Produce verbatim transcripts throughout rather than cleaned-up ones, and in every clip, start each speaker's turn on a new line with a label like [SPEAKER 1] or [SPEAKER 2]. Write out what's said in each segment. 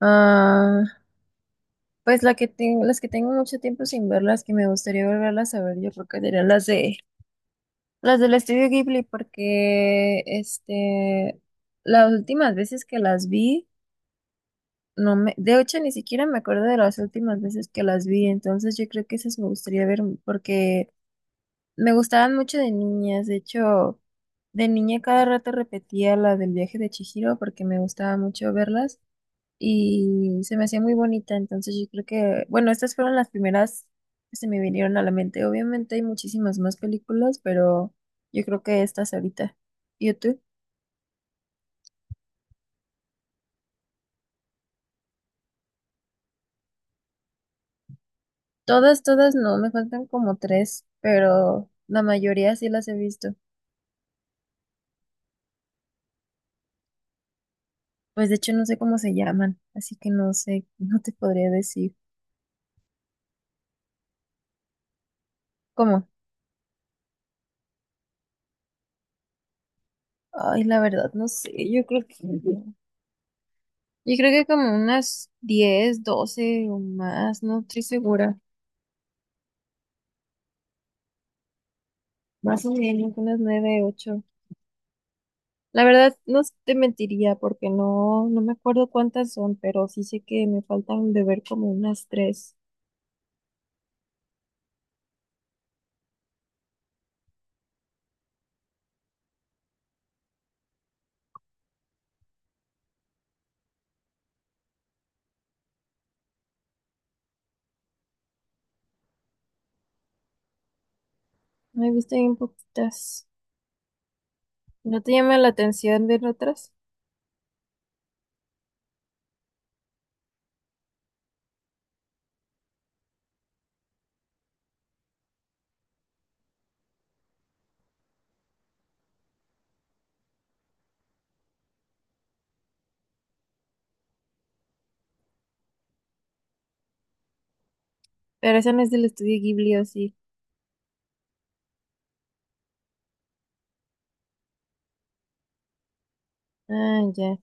[SPEAKER 1] Ah, pues la que tengo, las que tengo mucho tiempo sin ver, las que me gustaría volverlas a ver, yo creo que serían las de las del estudio Ghibli, porque este las últimas veces que las vi, no me, de hecho ni siquiera me acuerdo de las últimas veces que las vi, entonces yo creo que esas me gustaría ver porque me gustaban mucho de niñas, de hecho, de niña cada rato repetía la del viaje de Chihiro porque me gustaba mucho verlas. y se me hacía muy bonita, entonces yo creo que, bueno, estas fueron las primeras que se me vinieron a la mente. Obviamente hay muchísimas más películas, pero yo creo que estas ahorita. ¿Y tú? Todas, todas no, me faltan como tres, pero la mayoría sí las he visto. Pues de hecho no sé cómo se llaman, así que no sé, no te podría decir. ¿Cómo? Ay, la verdad, no sé, yo creo que... Yo creo que como unas diez doce o más, no estoy segura. Más o menos, unas nueve ocho. La verdad, no te mentiría porque no, no me acuerdo cuántas son, pero sí sé que me faltan de ver como unas tres. No he visto bien poquitas. ¿No te llama la atención ver otras? ¿Pero esa no es del estudio Ghibli, o sí? Ah, ya.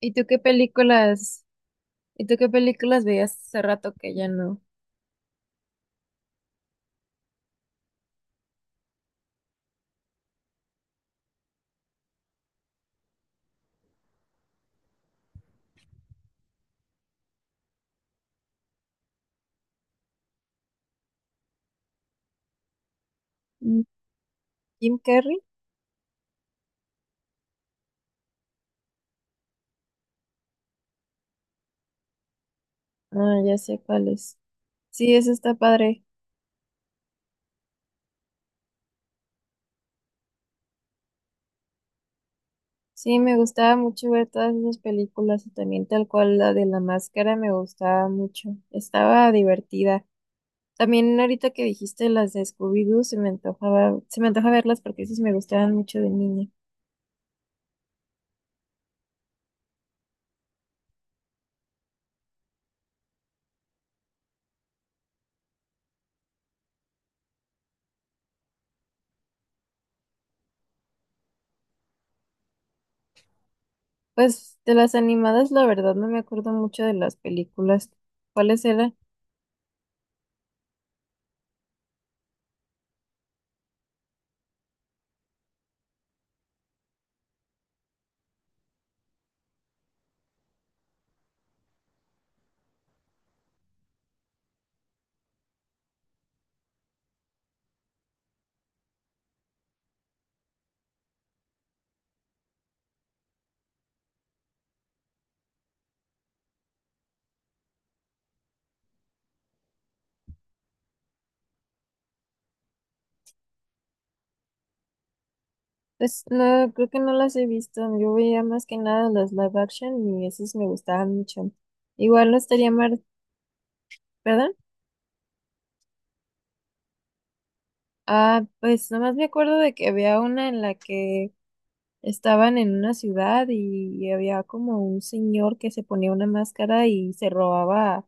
[SPEAKER 1] ¿Y tú qué películas? ¿Y tú qué películas veías hace rato que ya no? Mm. ¿Jim Carrey? Ah, ya sé cuál es. Sí, eso está padre. Sí, me gustaba mucho ver todas esas películas y también tal cual la de la máscara me gustaba mucho. Estaba divertida. También ahorita que dijiste las de Scooby-Doo, se me antojaba, se me antoja verlas porque sí me gustaban mucho de niña. Pues de las animadas, la verdad, no me acuerdo mucho de las películas. ¿Cuáles eran? Pues no, creo que no las he visto. Yo veía más que nada las live action y esas me gustaban mucho. Igual no estaría mal, ¿verdad? Ah, pues nomás me acuerdo de que había una en la que estaban en una ciudad y había como un señor que se ponía una máscara y se robaba,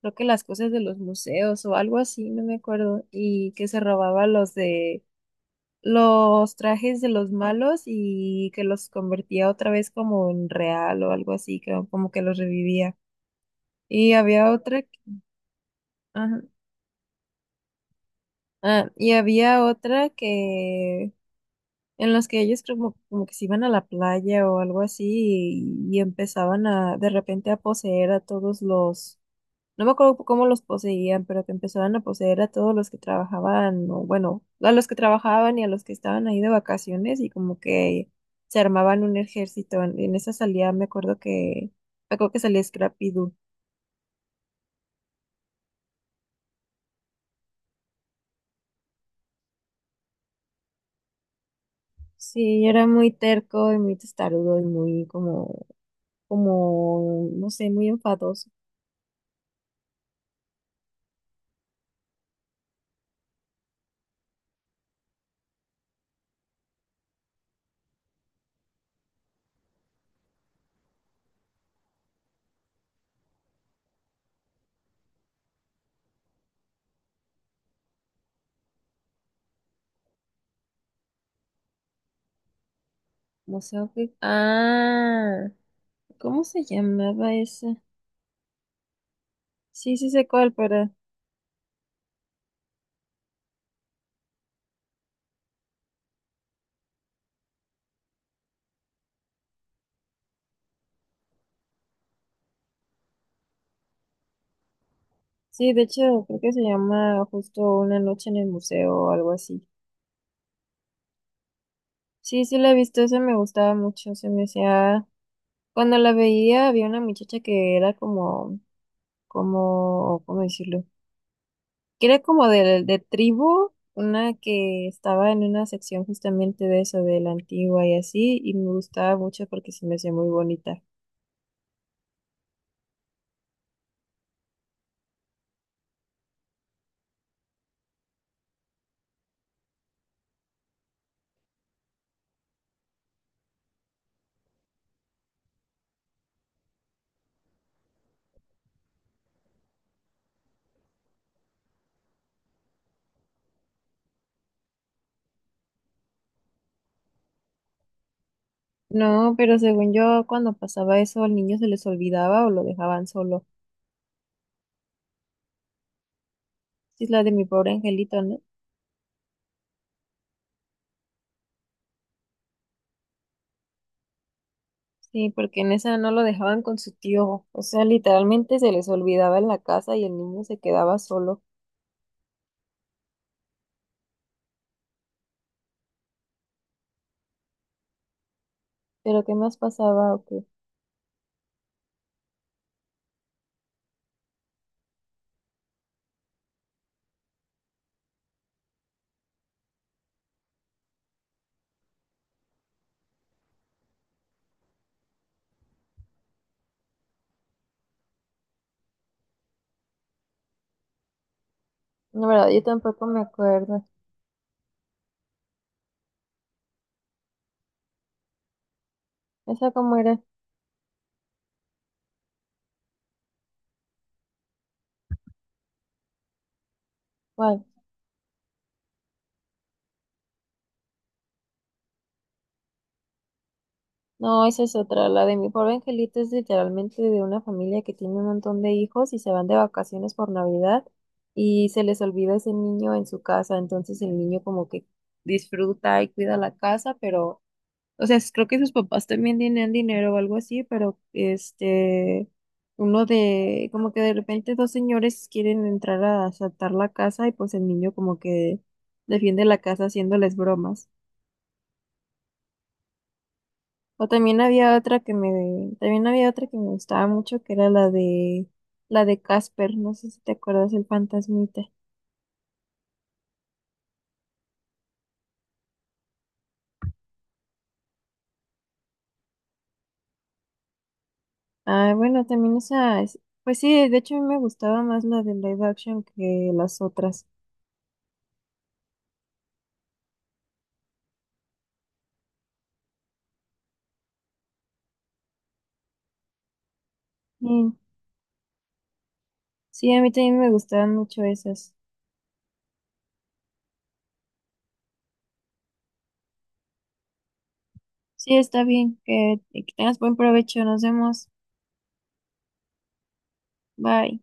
[SPEAKER 1] creo que las cosas de los museos o algo así, no me acuerdo, y que se robaba los de los trajes de los malos y que los convertía otra vez como en real o algo así, que- como que los revivía. Y había otra, que- ajá, ah, y había otra que en los que ellos como, como que se iban a la playa o algo así y, y empezaban a de repente a poseer a todos los, no me acuerdo cómo los poseían, pero que empezaban a poseer a todos los que trabajaban, o bueno, a los que trabajaban y a los que estaban ahí de vacaciones y como que se armaban un ejército. En, en esa salida me acuerdo que, me acuerdo que salía Scrappy Doo. Sí, era muy terco y muy testarudo y muy como, como, no sé, muy enfadoso. No sé, ok. Ah. ¿Cómo se llamaba esa? Sí, sí sé cuál, pero sí, de hecho creo que se llama justo Una noche en el museo o algo así. Sí, sí la he visto, esa me gustaba mucho, se me hacía... Cuando la veía había una muchacha que era como, como, ¿cómo decirlo? Que era como de, de tribu, una que estaba en una sección justamente de eso, de la antigua y así, y me gustaba mucho porque se me hacía muy bonita. No, pero según yo, cuando pasaba eso, al niño se les olvidaba o lo dejaban solo. Sí, es la de Mi Pobre Angelito, ¿no? Sí, porque en esa no lo dejaban con su tío. O sea, literalmente se les olvidaba en la casa y el niño se quedaba solo. Pero ¿qué más pasaba o qué? No, verdad, yo tampoco me acuerdo. ¿Esa cómo era? ¿Cuál? No, esa es otra. La de Mi Pobre Angelito es literalmente de una familia que tiene un montón de hijos y se van de vacaciones por Navidad y se les olvida ese niño en su casa. Entonces el niño como que disfruta y cuida la casa, pero o sea, es- creo que sus papás también tenían dinero o algo así, pero este, uno de, como que de repente dos señores quieren entrar a asaltar la casa y pues el niño como que defiende la casa haciéndoles bromas. O también había otra que me, también había otra que me gustaba mucho, que era la de, la de Casper, no sé si te acuerdas, el fantasmita. Ah, bueno, también esa, es- pues sí, de hecho a mí me gustaba más la de live action que las otras. Mm. Sí, a mí también me gustaban mucho esas. Sí, está bien, que, que tengas buen provecho, nos vemos, bye.